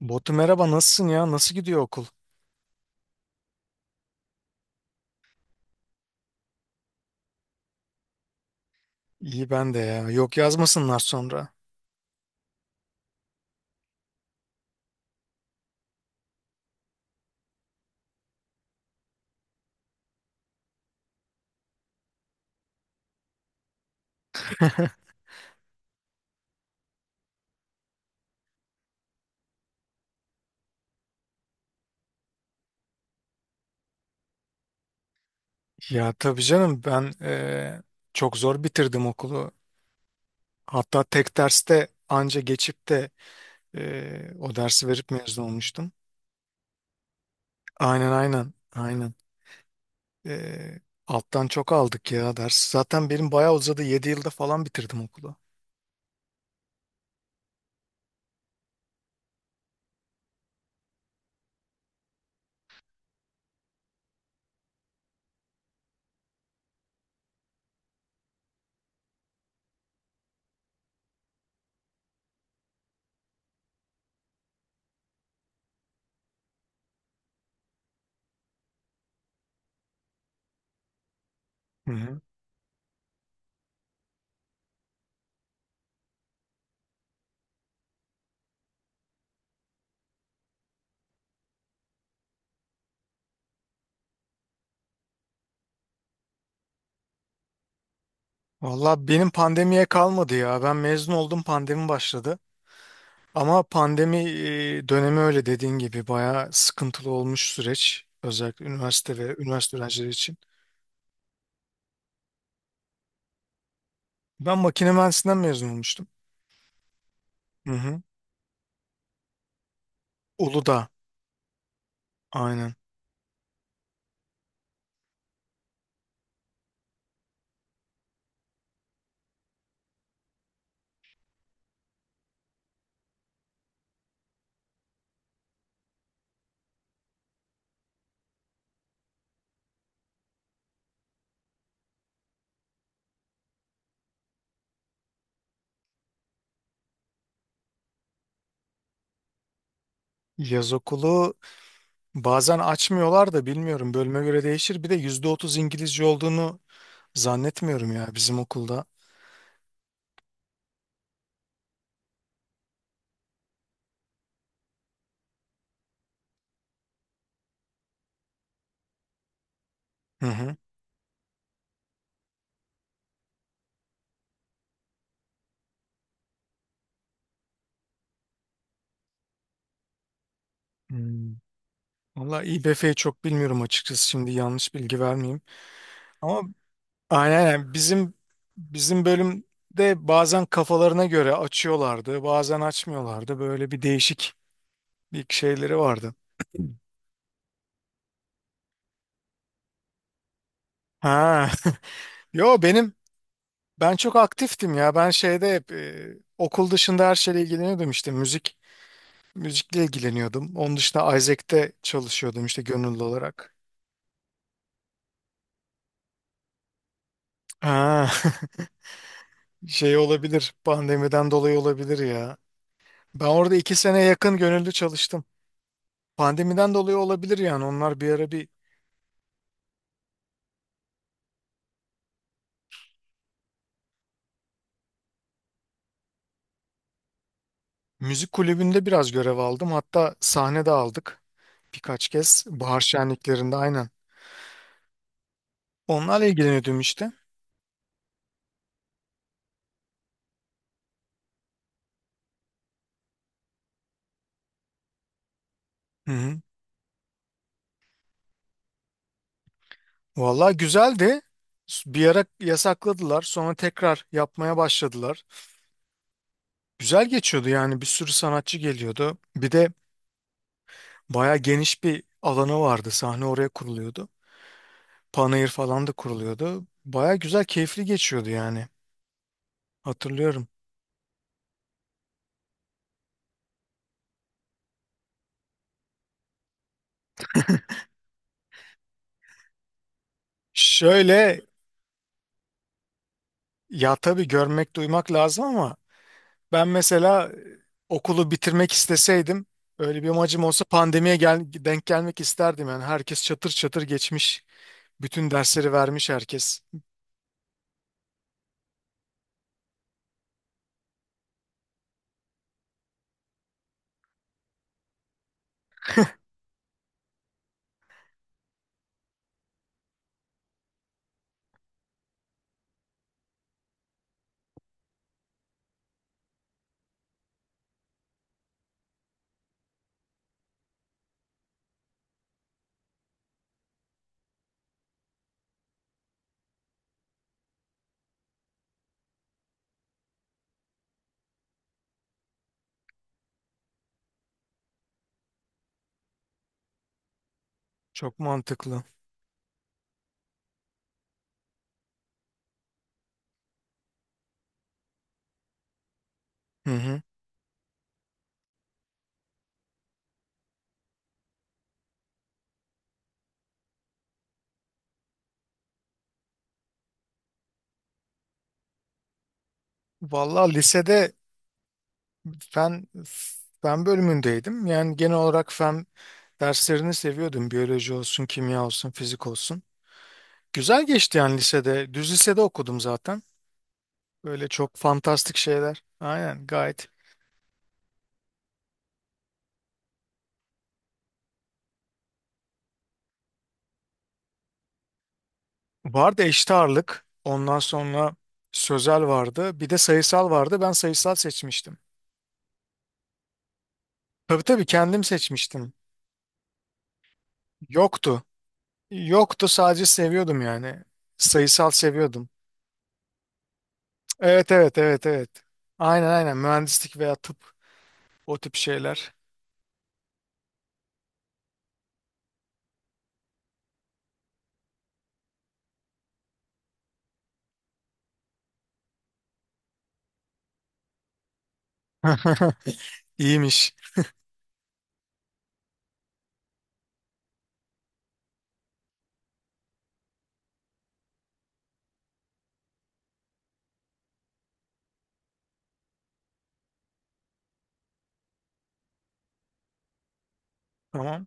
Botu merhaba nasılsın ya? Nasıl gidiyor okul? İyi ben de ya. Yok yazmasınlar sonra. Ya tabii canım ben çok zor bitirdim okulu. Hatta tek derste anca geçip de o dersi verip mezun olmuştum. Aynen, aynen, aynen. Eee, alttan çok aldık ya ders. Zaten benim bayağı uzadı, 7 yılda falan bitirdim okulu. Hı hı. Valla benim pandemiye kalmadı ya. Ben mezun oldum, pandemi başladı. Ama pandemi dönemi öyle dediğin gibi bayağı sıkıntılı olmuş süreç. Özellikle üniversite ve üniversite öğrencileri için. Ben makine mühendisinden mezun olmuştum. Hı hı. Uludağ. Aynen. Yaz okulu bazen açmıyorlar da, bilmiyorum, bölüme göre değişir. Bir de %30 İngilizce olduğunu zannetmiyorum ya bizim okulda. Hı hı. Hmm. Valla İBF'yi çok bilmiyorum açıkçası, şimdi yanlış bilgi vermeyeyim. Ama aynen, aynen. Bizim bölümde bazen kafalarına göre açıyorlardı, bazen açmıyorlardı. Böyle bir değişik bir şeyleri vardı. Ha. Yo, ben çok aktiftim ya. Ben şeyde hep okul dışında her şeyle ilgileniyordum, işte müzikle ilgileniyordum. Onun dışında Isaac'te çalışıyordum, işte gönüllü olarak. Ha. Şey olabilir. Pandemiden dolayı olabilir ya. Ben orada 2 sene yakın gönüllü çalıştım. Pandemiden dolayı olabilir yani. Onlar bir ara bir müzik kulübünde biraz görev aldım. Hatta sahne de aldık birkaç kez. Bahar şenliklerinde, aynen. Onlarla ilgileniyordum işte. Hı hı. Vallahi güzeldi. Bir ara yasakladılar, sonra tekrar yapmaya başladılar. Güzel geçiyordu yani. Bir sürü sanatçı geliyordu. Bir de baya geniş bir alanı vardı, sahne oraya kuruluyordu. Panayır falan da kuruluyordu. Baya güzel, keyifli geçiyordu yani. Hatırlıyorum. Şöyle, ya tabii görmek, duymak lazım ama ben mesela okulu bitirmek isteseydim, öyle bir amacım olsa, pandemiye denk gelmek isterdim. Yani herkes çatır çatır geçmiş. Bütün dersleri vermiş herkes. Çok mantıklı. Hı hı. Vallahi lisede fen fen bölümündeydim. Yani genel olarak fen derslerini seviyordum. Biyoloji olsun, kimya olsun, fizik olsun. Güzel geçti yani lisede. Düz lisede okudum zaten. Böyle çok fantastik şeyler. Aynen, gayet. Vardı eşit ağırlık. Ondan sonra sözel vardı. Bir de sayısal vardı. Ben sayısal seçmiştim. Tabii, tabii, kendim seçmiştim. Yoktu. Yoktu, sadece seviyordum yani. Sayısal seviyordum. Evet, evet, evet, evet. Aynen, aynen, mühendislik veya tıp, o tip şeyler. İyiymiş. Tamam.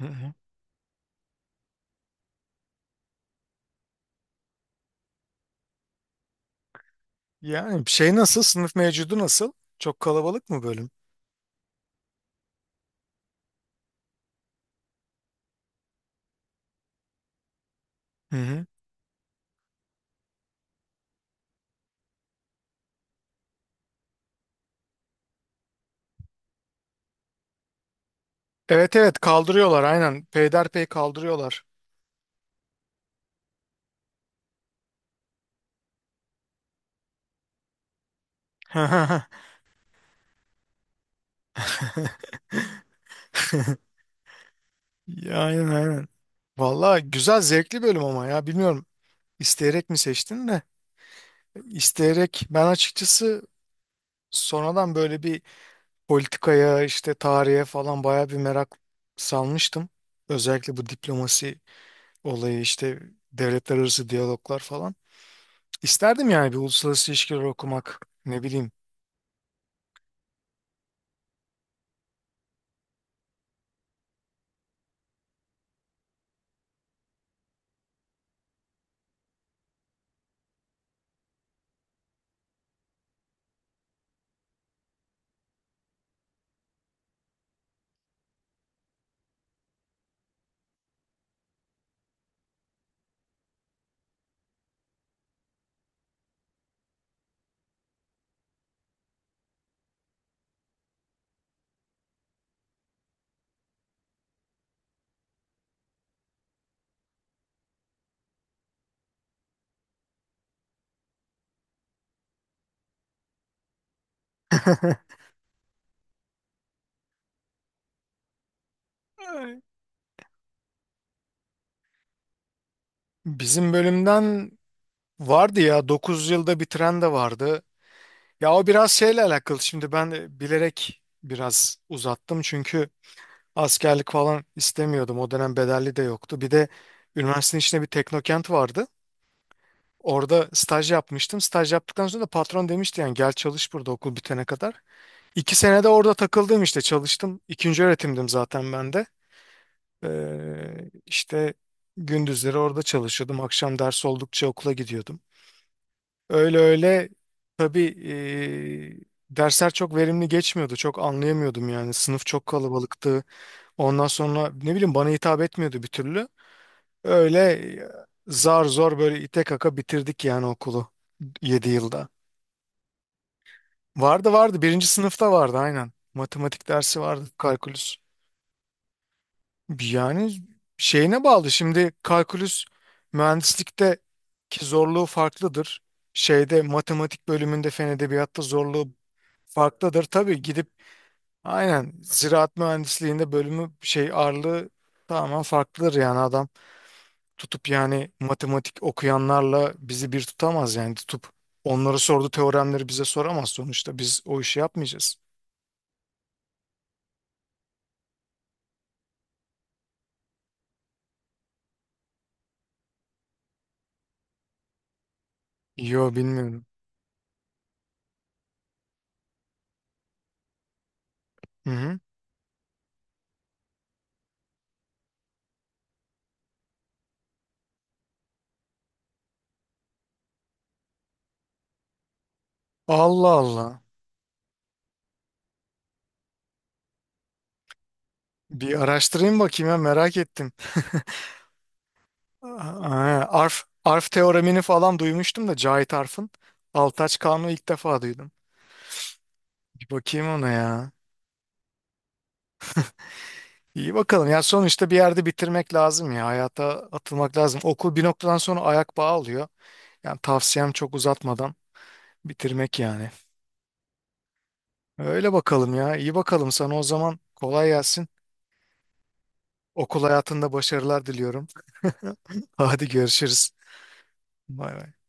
Hı hı. Yani şey nasıl? Sınıf mevcudu nasıl? Çok kalabalık mı bölüm? Hı hı. Evet, evet, kaldırıyorlar aynen. Peyderpey kaldırıyorlar. Ya, aynen, aynen. Valla güzel, zevkli bölüm ama ya bilmiyorum, isteyerek mi seçtin de isteyerek? Ben açıkçası sonradan böyle bir politikaya, işte tarihe falan baya bir merak salmıştım. Özellikle bu diplomasi olayı, işte devletler arası diyaloglar falan. İsterdim yani bir uluslararası ilişkiler okumak, ne bileyim. Bizim bölümden vardı ya, 9 yılda bitiren de vardı. Ya o biraz şeyle alakalı. Şimdi ben de bilerek biraz uzattım çünkü askerlik falan istemiyordum. O dönem bedelli de yoktu. Bir de üniversitenin içinde bir teknokent vardı. Orada staj yapmıştım. Staj yaptıktan sonra da patron demişti yani, gel çalış burada okul bitene kadar. 2 sene de orada takıldım işte, çalıştım. İkinci öğretimdim zaten ben de. İşte gündüzleri orada çalışıyordum. Akşam ders oldukça okula gidiyordum. Öyle öyle, tabii dersler çok verimli geçmiyordu. Çok anlayamıyordum yani. Sınıf çok kalabalıktı. Ondan sonra ne bileyim, bana hitap etmiyordu bir türlü. Öyle, e, zar zor böyle ite kaka bitirdik yani okulu, 7 yılda. Vardı, birinci sınıfta vardı aynen. Matematik dersi vardı, kalkülüs. Yani şeyine bağlı şimdi, kalkülüs mühendislikte ki zorluğu farklıdır. Şeyde, matematik bölümünde, fen edebiyatta zorluğu farklıdır. Tabii gidip aynen, ziraat mühendisliğinde bölümü şey ağırlığı tamamen farklıdır yani. Adam tutup yani matematik okuyanlarla bizi bir tutamaz yani, tutup onları sordu teoremleri bize soramaz, sonuçta biz o işi yapmayacağız. Yo, bilmiyorum. Hı hı. Allah Allah. Bir araştırayım bakayım ya, merak ettim. Aa, Arf teoremini falan duymuştum da, Cahit Arf'ın. Altaç Kanunu ilk defa duydum. Bir bakayım ona ya. İyi bakalım. Ya sonuçta bir yerde bitirmek lazım ya. Hayata atılmak lazım. Okul bir noktadan sonra ayak bağı alıyor. Yani tavsiyem çok uzatmadan bitirmek yani. Öyle bakalım ya. İyi bakalım sana o zaman. Kolay gelsin. Okul hayatında başarılar diliyorum. Hadi görüşürüz. Bay bay.